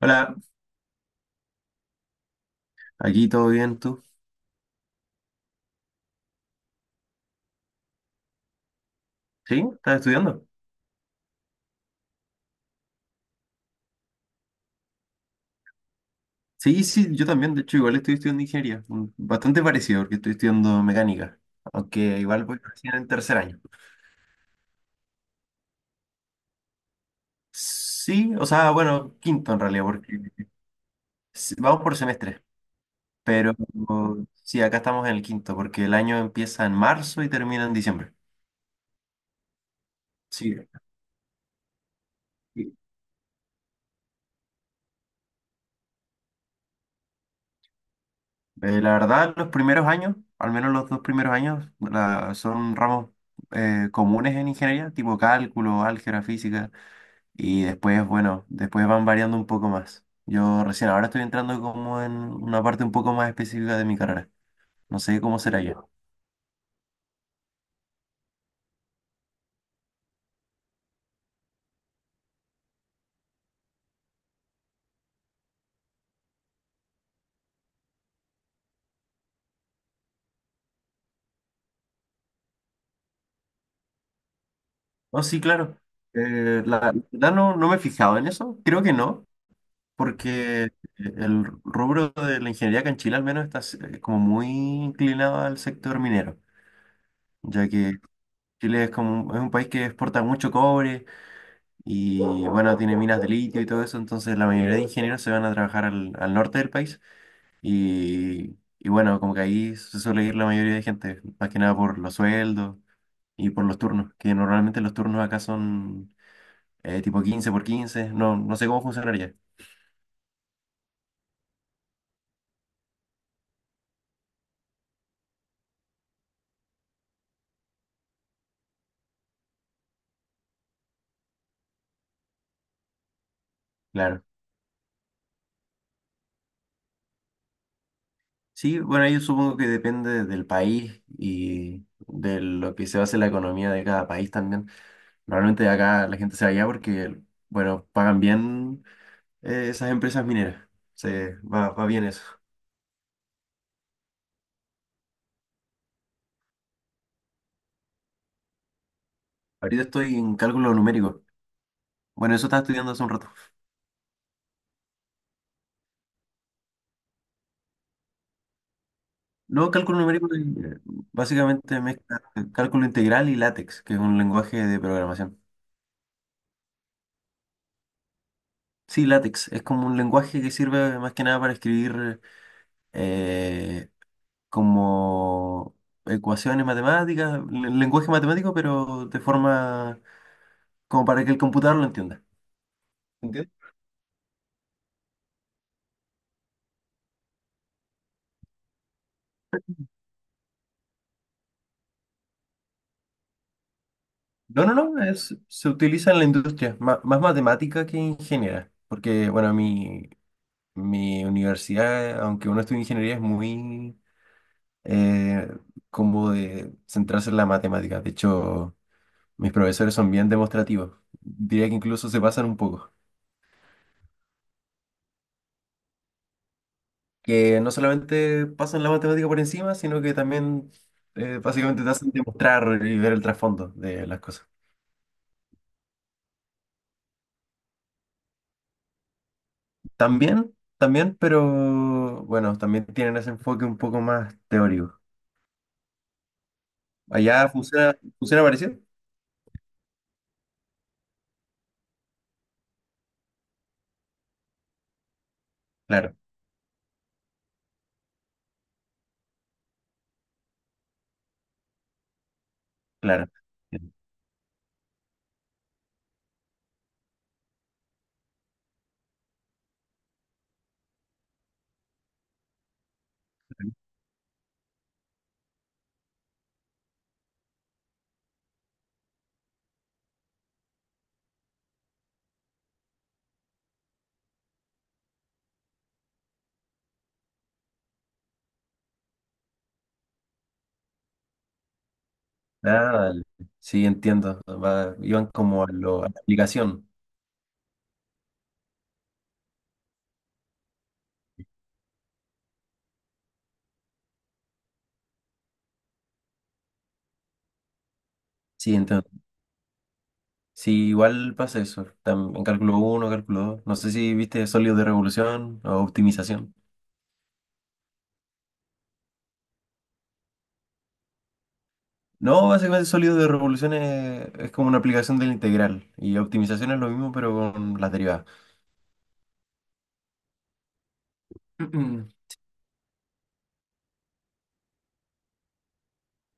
Hola, aquí todo bien, ¿tú? ¿Sí? ¿Estás estudiando? Sí, sí, yo también, de hecho, igual estoy estudiando ingeniería, bastante parecido porque estoy estudiando mecánica, aunque igual voy recién en tercer año. Sí, o sea, bueno, quinto en realidad, porque vamos por semestre, pero sí, acá estamos en el quinto, porque el año empieza en marzo y termina en diciembre. Sí, y, la verdad, los primeros años, al menos los dos primeros años, son ramos comunes en ingeniería, tipo cálculo, álgebra, física. Y después, bueno, después van variando un poco más. Yo recién ahora estoy entrando como en una parte un poco más específica de mi carrera. No sé cómo será ya. Oh, sí, claro. La verdad no, no me he fijado en eso. Creo que no, porque el rubro de la ingeniería acá en Chile al menos está como muy inclinado al sector minero, ya que Chile es como es un país que exporta mucho cobre y bueno, tiene minas de litio y todo eso, entonces la mayoría de ingenieros se van a trabajar al norte del país. Y bueno, como que ahí se suele ir la mayoría de gente, más que nada por los sueldos y por los turnos, que normalmente los turnos acá son tipo 15 por quince, no, no sé cómo funcionaría, claro. Sí, bueno, ahí supongo que depende del país y de lo que se base la economía de cada país también. Normalmente acá la gente se va allá porque, bueno, pagan bien esas empresas mineras, se, va, va bien eso. Ahorita estoy en cálculo numérico. Bueno, eso estaba estudiando hace un rato. No, cálculo numérico, básicamente mezcla cálculo integral y LaTeX, que es un lenguaje de programación. Sí, LaTeX es como un lenguaje que sirve más que nada para escribir eh, como ecuaciones matemáticas, lenguaje matemático, pero de forma como para que el computador lo entienda. ¿Entiendes? No, no, no, es, se utiliza en la industria, más, matemática que ingeniera, porque bueno, mi universidad, aunque uno estudie ingeniería, es muy eh, como de centrarse en la matemática. De hecho, mis profesores son bien demostrativos. Diría que incluso se pasan un poco. Que no solamente pasan la matemática por encima, sino que también básicamente te hacen demostrar y ver el trasfondo de las cosas. También, también, pero bueno, también tienen ese enfoque un poco más teórico. ¿Allá funciona, funciona parecido? Claro, claro. Ah, dale. Sí, entiendo. Iban como a, lo, a la aplicación. Sí, entiendo. Sí, igual pasa eso. En cálculo 1, cálculo dos. No sé si viste sólido de revolución o optimización. No, básicamente sólido de revolución es como una aplicación de la integral. Y optimización es lo mismo, pero con las derivadas.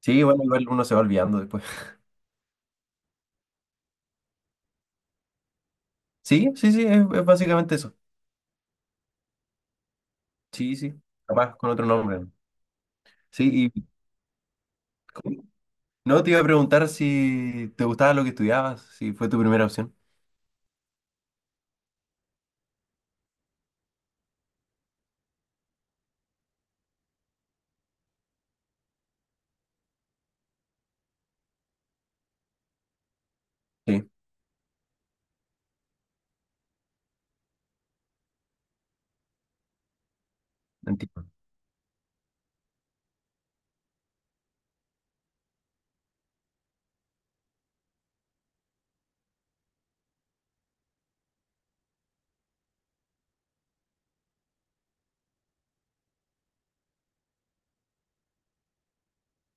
Sí, bueno, igual uno se va olvidando después. Sí, sí, sí, es básicamente eso. Sí, sí. Capaz con otro nombre, ¿no? Sí, y no te iba a preguntar si te gustaba lo que estudiabas, si fue tu primera opción. Sí, entiendo.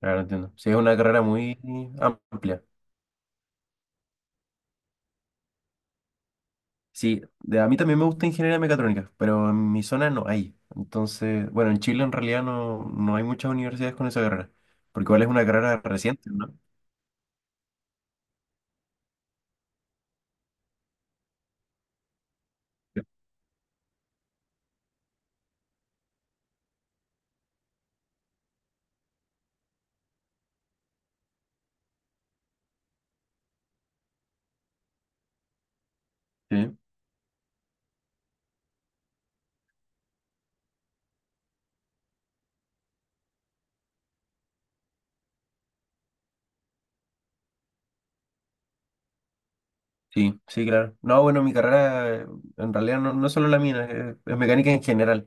Claro, entiendo. Sí, es una carrera muy amplia. Sí, a mí también me gusta ingeniería mecatrónica, pero en mi zona no hay. Entonces, bueno, en Chile en realidad no, no hay muchas universidades con esa carrera, porque igual es una carrera reciente, ¿no? Sí, sí, sí, sí, claro. No, bueno, mi carrera en realidad no, no es solo la mía, es mecánica en general,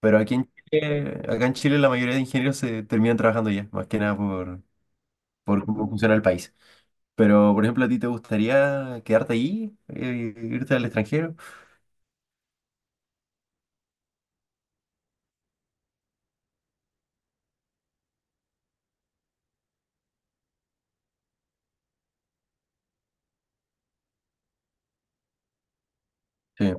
pero aquí en Chile, acá en Chile la mayoría de ingenieros se terminan trabajando ya, más que nada por, por cómo funciona el país. Pero, por ejemplo, ¿a ti te gustaría quedarte ahí, irte al extranjero? Sí.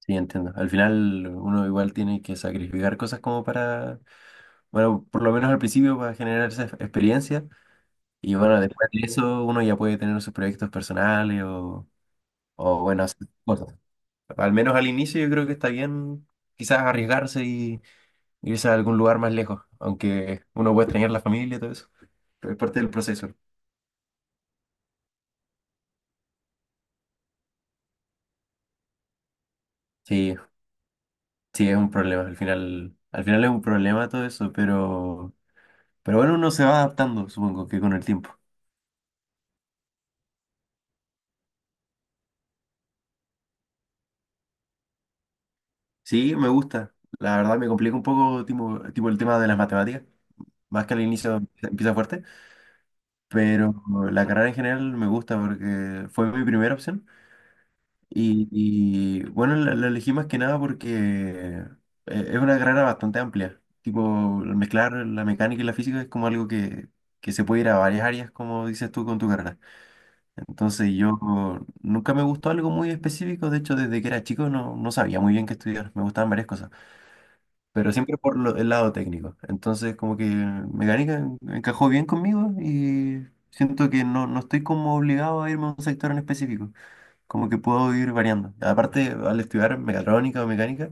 Sí, entiendo. Al final uno igual tiene que sacrificar cosas como para, bueno, por lo menos al principio para generar esa experiencia y bueno, después de eso uno ya puede tener sus proyectos personales o bueno, hacer cosas. Al menos al inicio yo creo que está bien quizás arriesgarse y irse a algún lugar más lejos, aunque uno puede extrañar la familia y todo eso, pero es parte del proceso. Sí, sí, es un problema. Al final es un problema todo eso, pero bueno, uno se va adaptando, supongo que con el tiempo. Sí, me gusta. La verdad me complica un poco tipo, tipo el tema de las matemáticas, más que al inicio empieza fuerte, pero la carrera en general me gusta porque fue mi primera opción y, bueno, la elegí más que nada porque eh, es una carrera bastante amplia. Tipo, el mezclar la mecánica y la física es como algo que se puede ir a varias áreas, como dices tú, con tu carrera. Entonces yo nunca me gustó algo muy específico, de hecho desde que era chico no, no sabía muy bien qué estudiar, me gustaban varias cosas. Pero siempre por el lado técnico. Entonces, como que mecánica encajó bien conmigo y siento que no, no estoy como obligado a irme a un sector en específico, como que puedo ir variando. Aparte, al estudiar mecatrónica o mecánica,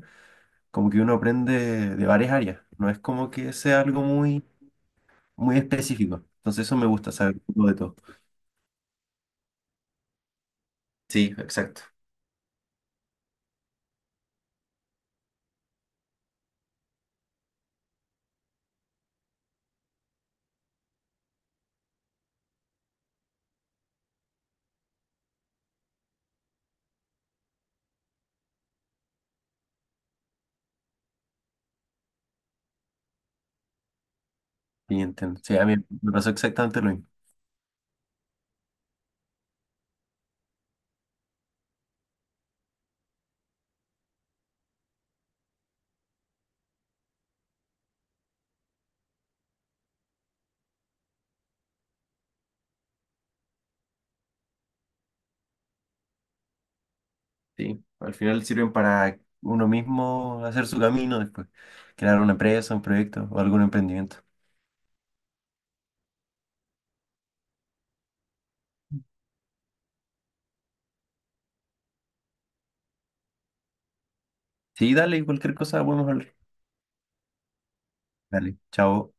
como que uno aprende de varias áreas, no es como que sea algo muy, muy específico. Entonces, eso me gusta, saber un poco de todo. Sí, exacto. Sí, entiendo. Sí, a mí me pasó exactamente lo mismo. Sí, al final sirven para uno mismo hacer su camino después, crear una empresa, un proyecto o algún emprendimiento. Sí, dale, cualquier cosa podemos hablar. Dale, chao.